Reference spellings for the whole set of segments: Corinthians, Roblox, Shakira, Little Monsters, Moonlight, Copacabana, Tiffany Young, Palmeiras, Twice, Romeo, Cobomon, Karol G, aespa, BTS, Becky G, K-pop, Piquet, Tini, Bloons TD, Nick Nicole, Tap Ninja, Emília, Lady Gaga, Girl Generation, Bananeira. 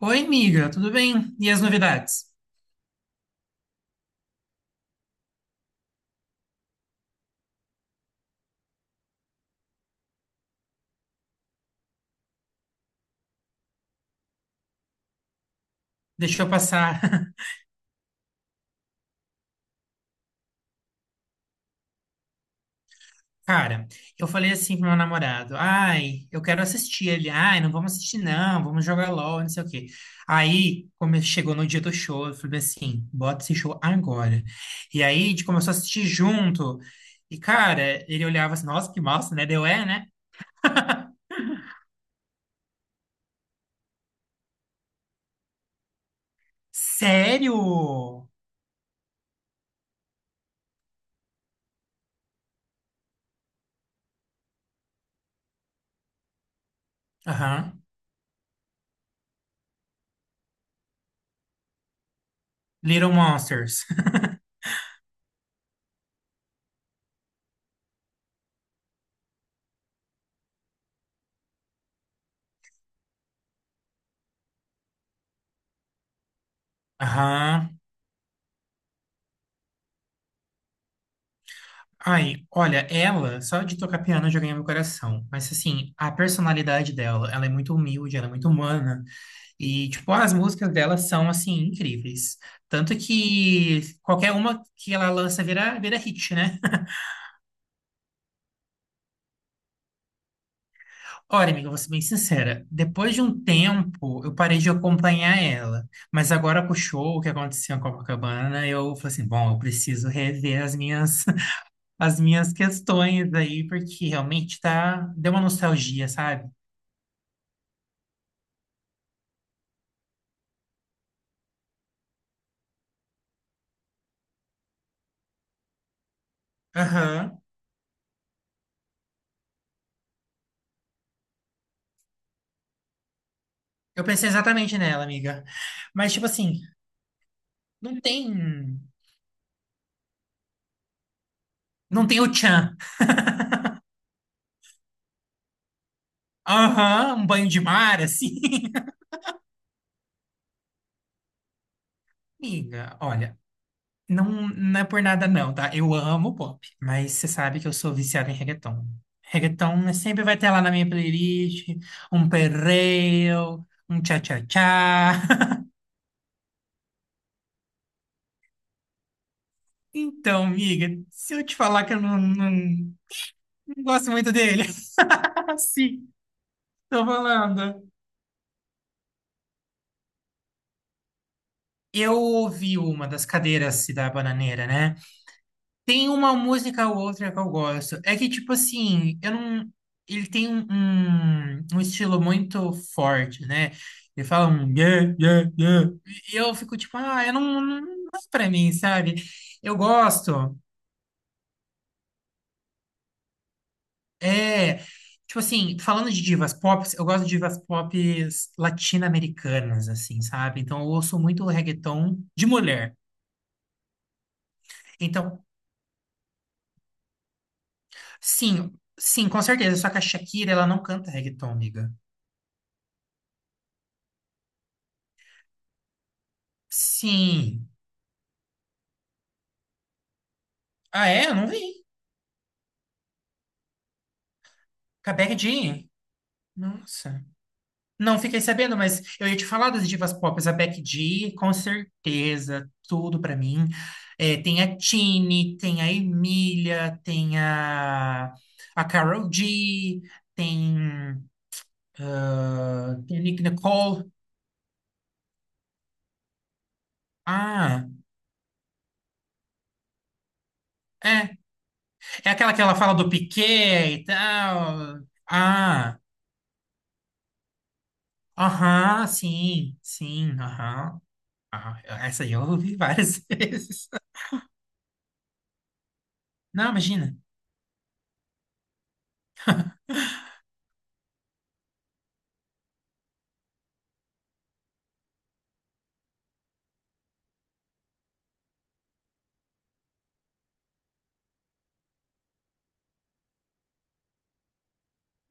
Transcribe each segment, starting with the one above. Oi, amiga, tudo bem? E as novidades? Deixa eu passar. Cara, eu falei assim pro meu namorado: ai, eu quero assistir. Ele, ai, não vamos assistir, não, vamos jogar LOL, não sei o quê. Aí, como chegou no dia do show, eu falei assim: bota esse show agora. E aí, a gente começou a assistir junto. E, cara, ele olhava assim: nossa, que massa, né? Deu é, né? Sério? Aham. Little Monsters. Aham. Ai, olha, ela, só de tocar piano já ganhei meu coração. Mas, assim, a personalidade dela, ela é muito humilde, ela é muito humana. E, tipo, as músicas dela são, assim, incríveis. Tanto que qualquer uma que ela lança vira hit, né? Olha, amiga, eu vou ser bem sincera. Depois de um tempo, eu parei de acompanhar ela. Mas agora com o show que aconteceu em Copacabana, eu falei assim, bom, eu preciso rever as minhas, as minhas questões aí, porque realmente tá, deu uma nostalgia, sabe? Aham. Eu pensei exatamente nela, amiga. Mas, tipo assim, não tem. Não tem o tchan. Aham, um banho de mar, assim. Amiga, olha, não é por nada, não, tá? Eu amo pop, mas você sabe que eu sou viciado em reggaeton. Reggaeton né, sempre vai ter lá na minha playlist um perreo, um tchá-tchá-tchá. Então, amiga, se eu te falar que eu não gosto muito dele, assim, tô falando. Eu ouvi uma das cadeiras da Bananeira, né? Tem uma música ou outra que eu gosto. É que, tipo assim, eu não. Ele tem um estilo muito forte, né? Ele fala um yeah, yeah, yeah. E eu fico tipo, ah, eu não, não, não é pra mim, sabe? Eu gosto. É. Tipo assim, falando de divas pop, eu gosto de divas pop latino-americanas, assim, sabe? Então eu ouço muito reggaeton de mulher. Então. Sim, sim, com certeza. Só que a Shakira, ela não canta reggaeton, amiga. Sim. Ah, é? Eu não vi. Com a Becky G. Nossa. Não fiquei sabendo, mas eu ia te falar das divas pop. A Becky G, com certeza, tudo pra mim. É, tem a Tini, tem a Emília, tem a Karol G, tem, tem a Nick Nicole. Ah, é. É aquela que ela fala do Piquet e tal. Ah. Aham, sim, sim, aham. Aham. Essa aí eu ouvi várias vezes. Não, imagina.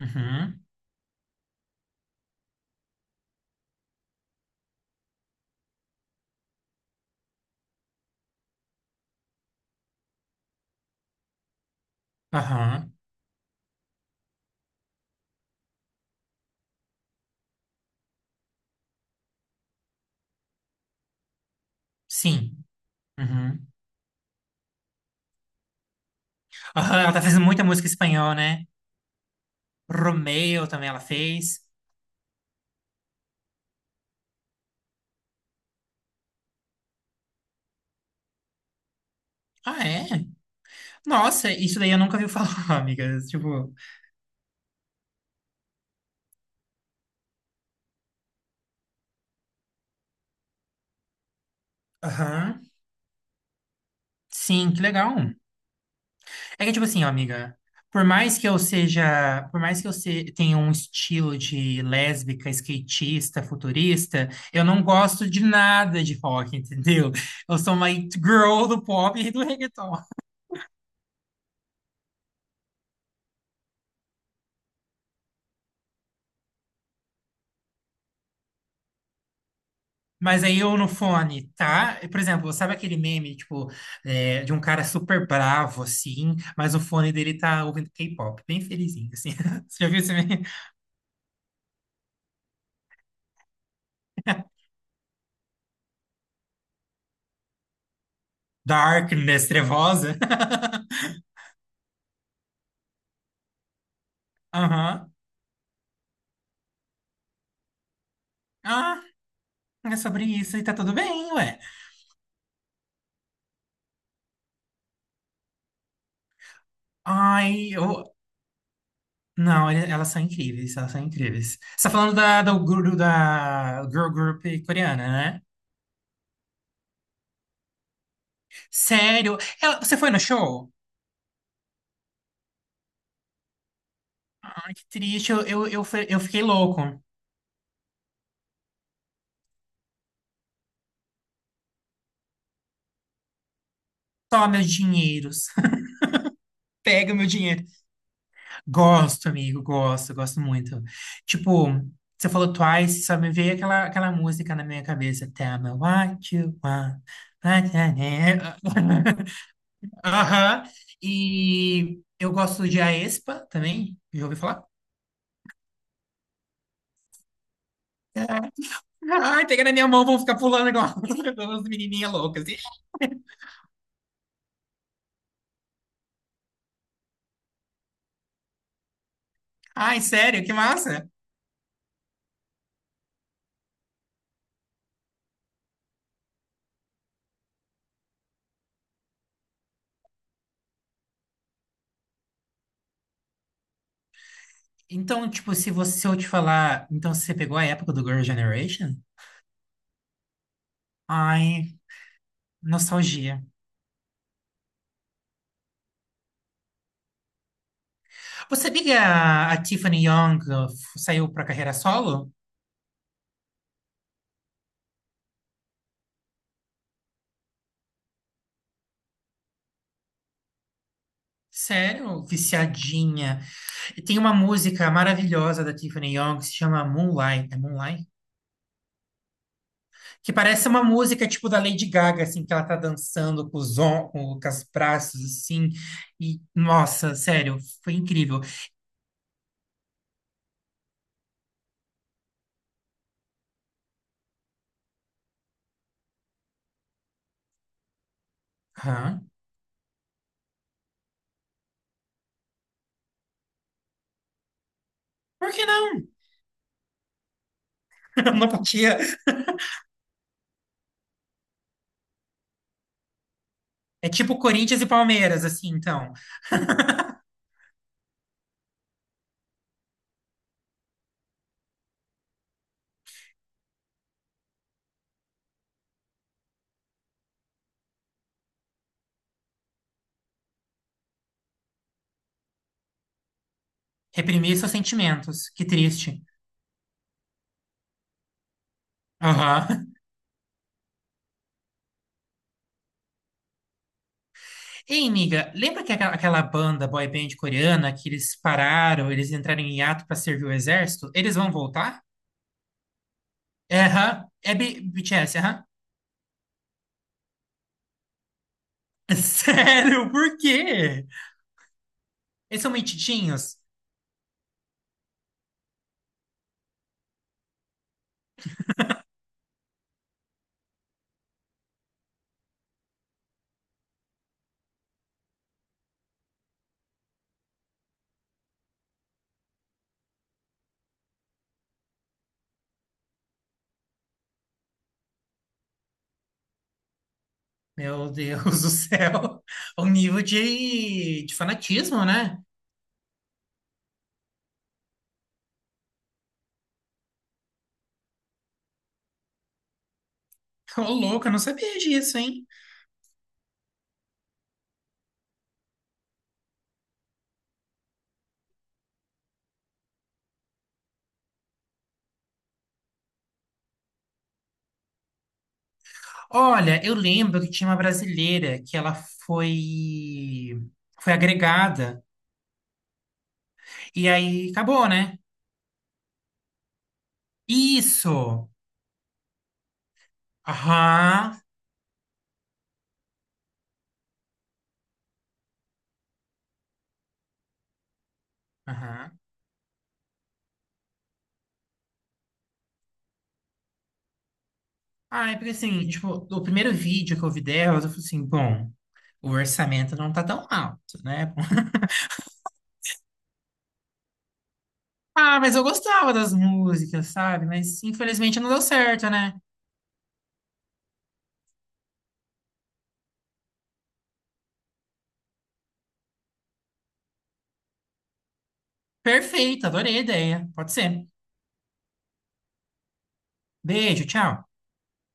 Uhum, aham, sim. Uhum. Aham, ela tá fazendo muita música em espanhol, né? Romeo também ela fez. Ah, é? Nossa, isso daí eu nunca ouvi falar, amiga. Tipo, aham, sim, que legal. É que, tipo assim, ó, amiga, por mais que eu seja, por mais que eu se- tenha um estilo de lésbica, skatista, futurista, eu não gosto de nada de rock, entendeu? Eu sou uma it girl do pop e do reggaeton. Mas aí eu no fone, tá? Por exemplo, sabe aquele meme, de um cara super bravo, assim, mas o fone dele tá ouvindo K-pop, bem felizinho, assim. Você já viu esse meme? Darkness, trevosa. Aham. Ah, é sobre isso e tá tudo bem, ué. Ai, eu. Não, elas são incríveis, elas são incríveis. Você tá falando da, do guru da girl group coreana, né? Sério? Você foi no show? Ai, que triste, eu fiquei louco. Toma meus dinheiros. Pega meu dinheiro. Gosto, amigo, gosto, gosto muito. Tipo, você falou Twice, só me veio aquela música na minha cabeça. Tell me what you want. What you need. Aham. E eu gosto de aespa também. Já ouvi falar? Ai, pega na minha mão, vou ficar pulando igual as menininhas loucas. Ai, sério, que massa. Então, tipo, se você se eu te falar, então você pegou a época do Girl Generation? Ai, nostalgia. Você sabia que a Tiffany Young saiu pra carreira solo? Sério, viciadinha. E tem uma música maravilhosa da Tiffany Young que se chama Moonlight. É Moonlight? Que parece uma música tipo da Lady Gaga, assim, que ela tá dançando com com os braços, assim. E, nossa, sério, foi incrível. Hã? Por que não? Não podia. É tipo Corinthians e Palmeiras, assim, então. Reprimir seus sentimentos. Que triste. Aham. Ei, amiga, lembra que aquela banda boy band coreana que eles pararam, eles entraram em hiato pra servir o exército? Eles vão voltar? É, aham. É BTS, aham. Sério, por quê? Eles são metidinhos? Meu Deus do céu, o nível de fanatismo, né? Ô, louco, eu não sabia disso, hein? Olha, eu lembro que tinha uma brasileira que ela foi foi agregada e aí acabou, né? Isso. Aham. Aham. Ah, é porque assim, tipo, o primeiro vídeo que eu vi dela, eu falei assim, bom, o orçamento não tá tão alto, né? Ah, mas eu gostava das músicas, sabe? Mas infelizmente não deu certo, né? Perfeito, adorei a ideia. Pode ser. Beijo, tchau.